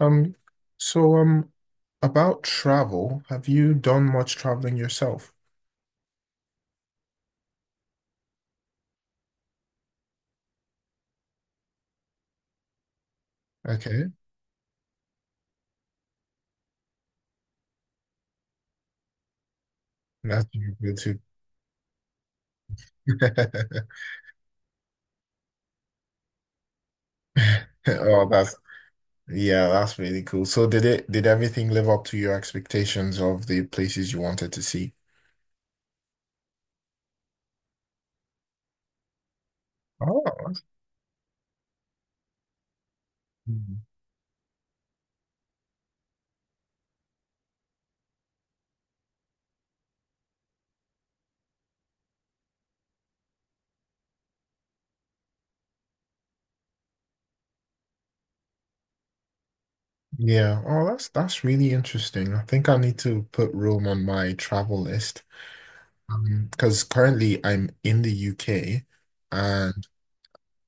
Um, so um, about travel, have you done much traveling yourself? Okay, that's really good too. Oh, that's Yeah, that's really cool. So did everything live up to your expectations of the places you wanted to see? Oh, that's- Mm. Yeah. Oh, that's really interesting. I think I need to put Rome on my travel list. Because currently I'm in the UK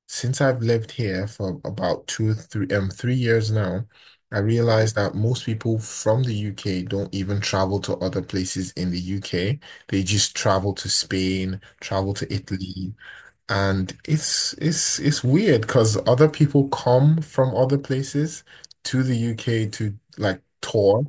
since I've lived here for about 3 years now, I realized that most people from the UK don't even travel to other places in the UK. They just travel to Spain, travel to, mhm, Italy, and it's weird because other people come from other places to the UK to like tour,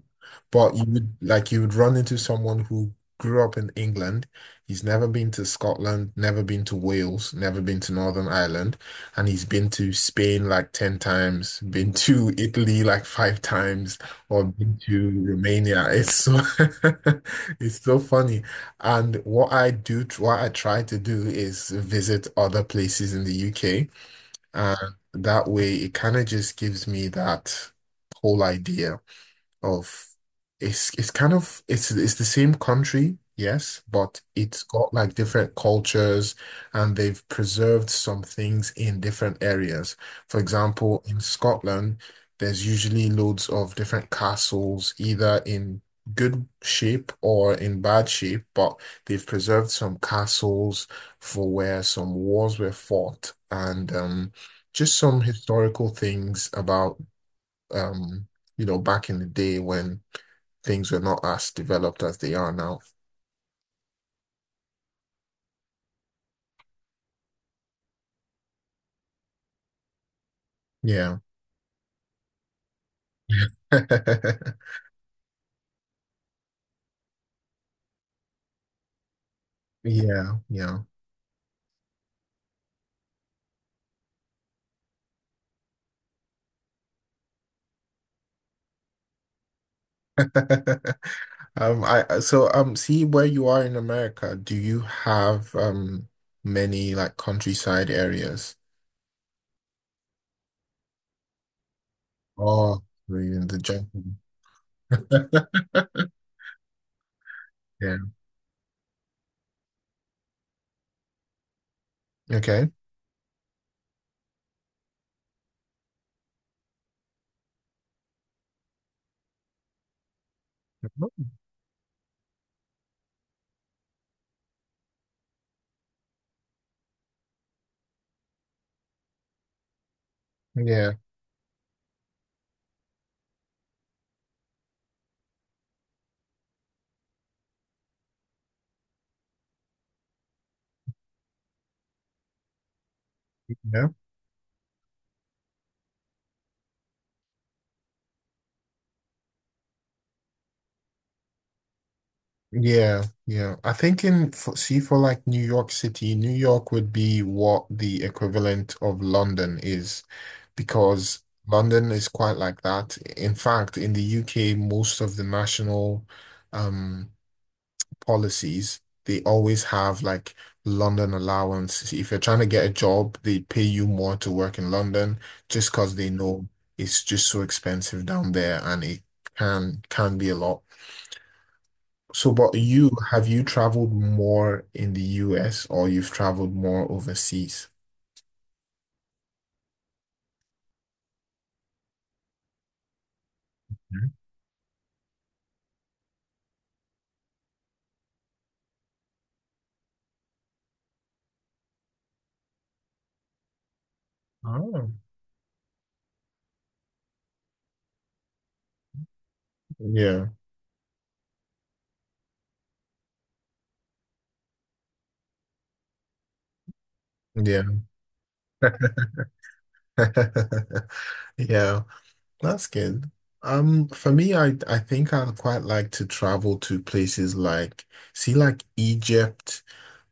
but you would run into someone who grew up in England. He's never been to Scotland, never been to Wales, never been to Northern Ireland, and he's been to Spain like 10 times, been to Italy like 5 times, or been to Romania. It's so it's so funny. And what I try to do is visit other places in the UK. And that way, it kind of just gives me that whole idea of it's kind of it's the same country, yes, but it's got like different cultures, and they've preserved some things in different areas. For example, in Scotland, there's usually loads of different castles, either in good shape or in bad shape, but they've preserved some castles for where some wars were fought, and just some historical things about um, back in the day when things were not as developed as they are now. Yeah. Yeah, yeah. See where you are in America. Do you have many like countryside areas? Oh, you're in the jungle. Yeah. Okay. Yeah. Yeah. Yeah, yeah. I think see for like New York City, New York would be what the equivalent of London is, because London is quite like that. In fact, in the UK, most of the national um policies, they always have like London allowance. If you're trying to get a job, they pay you more to work in London just because they know it's just so expensive down there, and it can be a lot. So, but you traveled more in the US or you've traveled more overseas? Mhm. Oh. Yeah, yeah, yeah. That's good. For me, I think I'd quite like to travel to places like Egypt.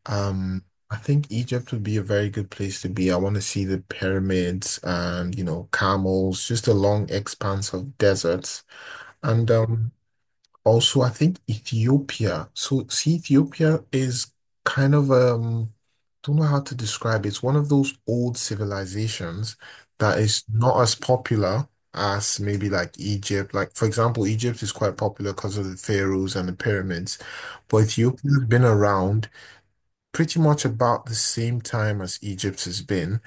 Um, I think Egypt would be a very good place to be. I want to see the pyramids and, you know, camels, just a long expanse of deserts. And I think Ethiopia. So, see, Ethiopia is kind of, don't know how to describe it. It's one of those old civilizations that is not as popular as maybe like Egypt. Like, for example, Egypt is quite popular because of the pharaohs and the pyramids, but Ethiopia's been around pretty much about the same time as Egypt has been.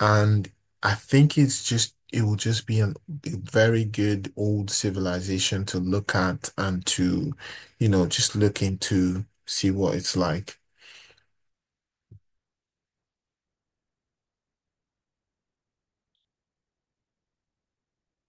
And I think it will just be a very good old civilization to look at and to, you know, just look into, see what it's like.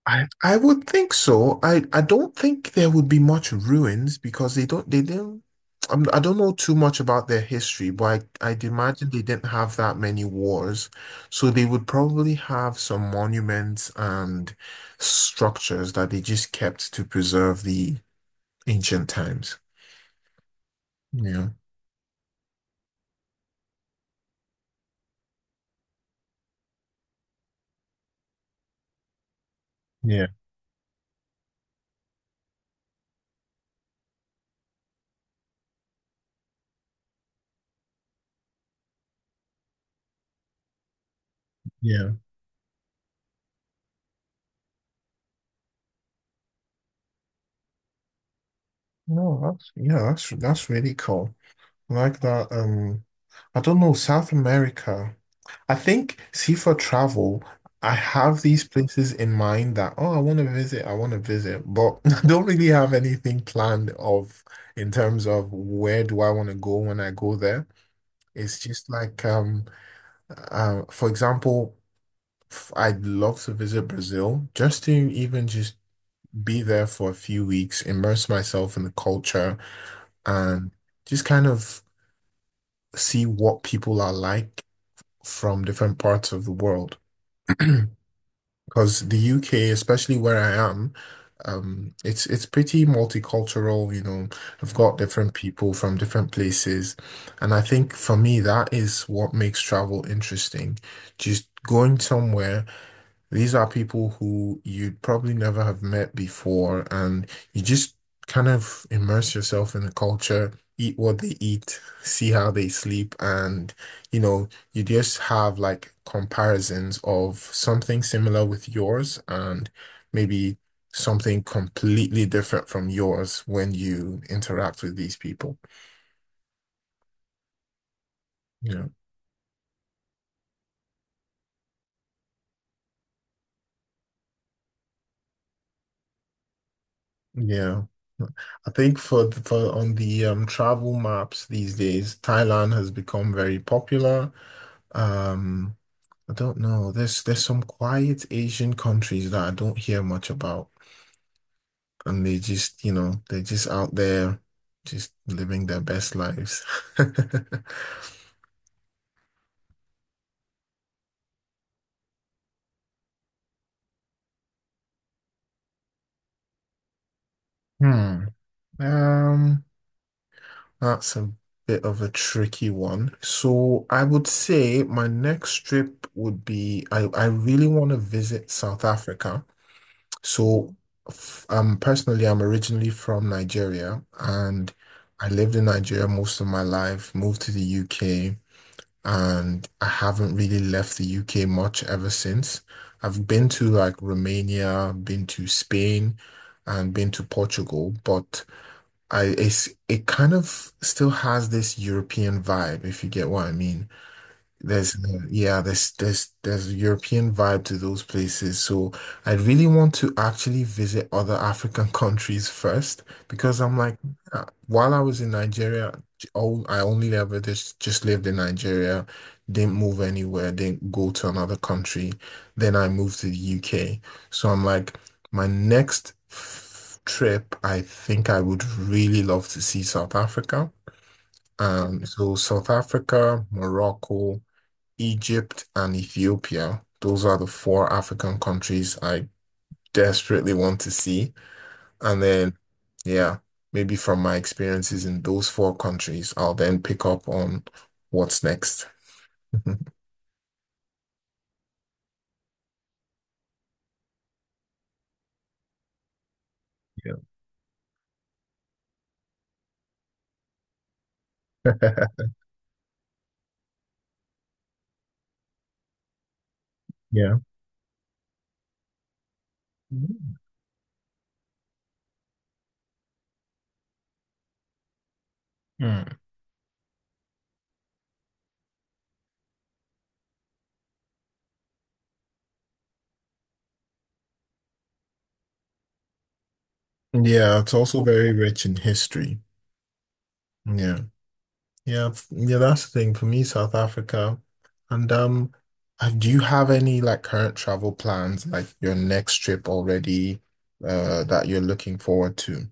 I would think so. I don't think there would be much ruins because they don't, they didn't, I'm, I don't know too much about their history, but I'd imagine they didn't have that many wars. So they would probably have some monuments and structures that they just kept to preserve the ancient times. Yeah, yeah, yeah. No, that's yeah, that's really cool. I like that. I don't know, South America. I think, see, for travel, I have these places in mind that, oh, I want to visit, but I don't really have anything planned of in terms of where do I want to go when I go there. It's just like, for example, I'd love to visit Brazil just to even just be there for a few weeks, immerse myself in the culture, and just kind of see what people are like from different parts of the world. Because the UK, especially where I am, it's pretty multicultural, you know. I've got different people from different places, and I think for me that is what makes travel interesting. Just going somewhere. These are people who you'd probably never have met before, and you just kind of immerse yourself in the culture, eat what they eat, see how they sleep, and, you know, you just have like comparisons of something similar with yours and maybe something completely different from yours when you interact with these people. Yeah. Yeah. I think for on the travel maps these days, Thailand has become very popular. Um, I don't know. There's some quiet Asian countries that I don't hear much about, and they just, you know, they're just out there, just living their best lives. Hmm. Um, that's a bit of a tricky one. So I would say my next trip would be, I really want to visit South Africa. So, personally, I'm originally from Nigeria, and I lived in Nigeria most of my life, moved to the UK, and I haven't really left the UK much ever since. I've been to like Romania, been to Spain, and been to Portugal, but it kind of still has this European vibe, if you get what I mean. There's, yeah, there's a European vibe to those places. So I really want to actually visit other African countries first, because I'm like, while I was in Nigeria, all I only ever just lived in Nigeria, didn't move anywhere, didn't go to another country. Then I moved to the UK. So I'm like, my next trip, I think I would really love to see South Africa. So South Africa, Morocco, Egypt and Ethiopia. Those are the four African countries I desperately want to see. And then, yeah, maybe from my experiences in those four countries, I'll then pick up on what's next. Yeah. Yeah. Mm. Yeah, it's also very rich in history. Yeah. Yeah, that's the thing for me, South Africa. And do you have any like current travel plans, like your next trip already, that you're looking forward to?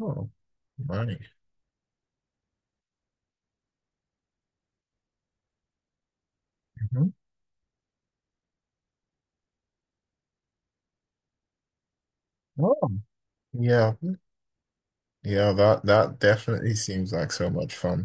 Oh, right. Mhm. Oh. Yeah, yeah, that definitely seems like so much fun.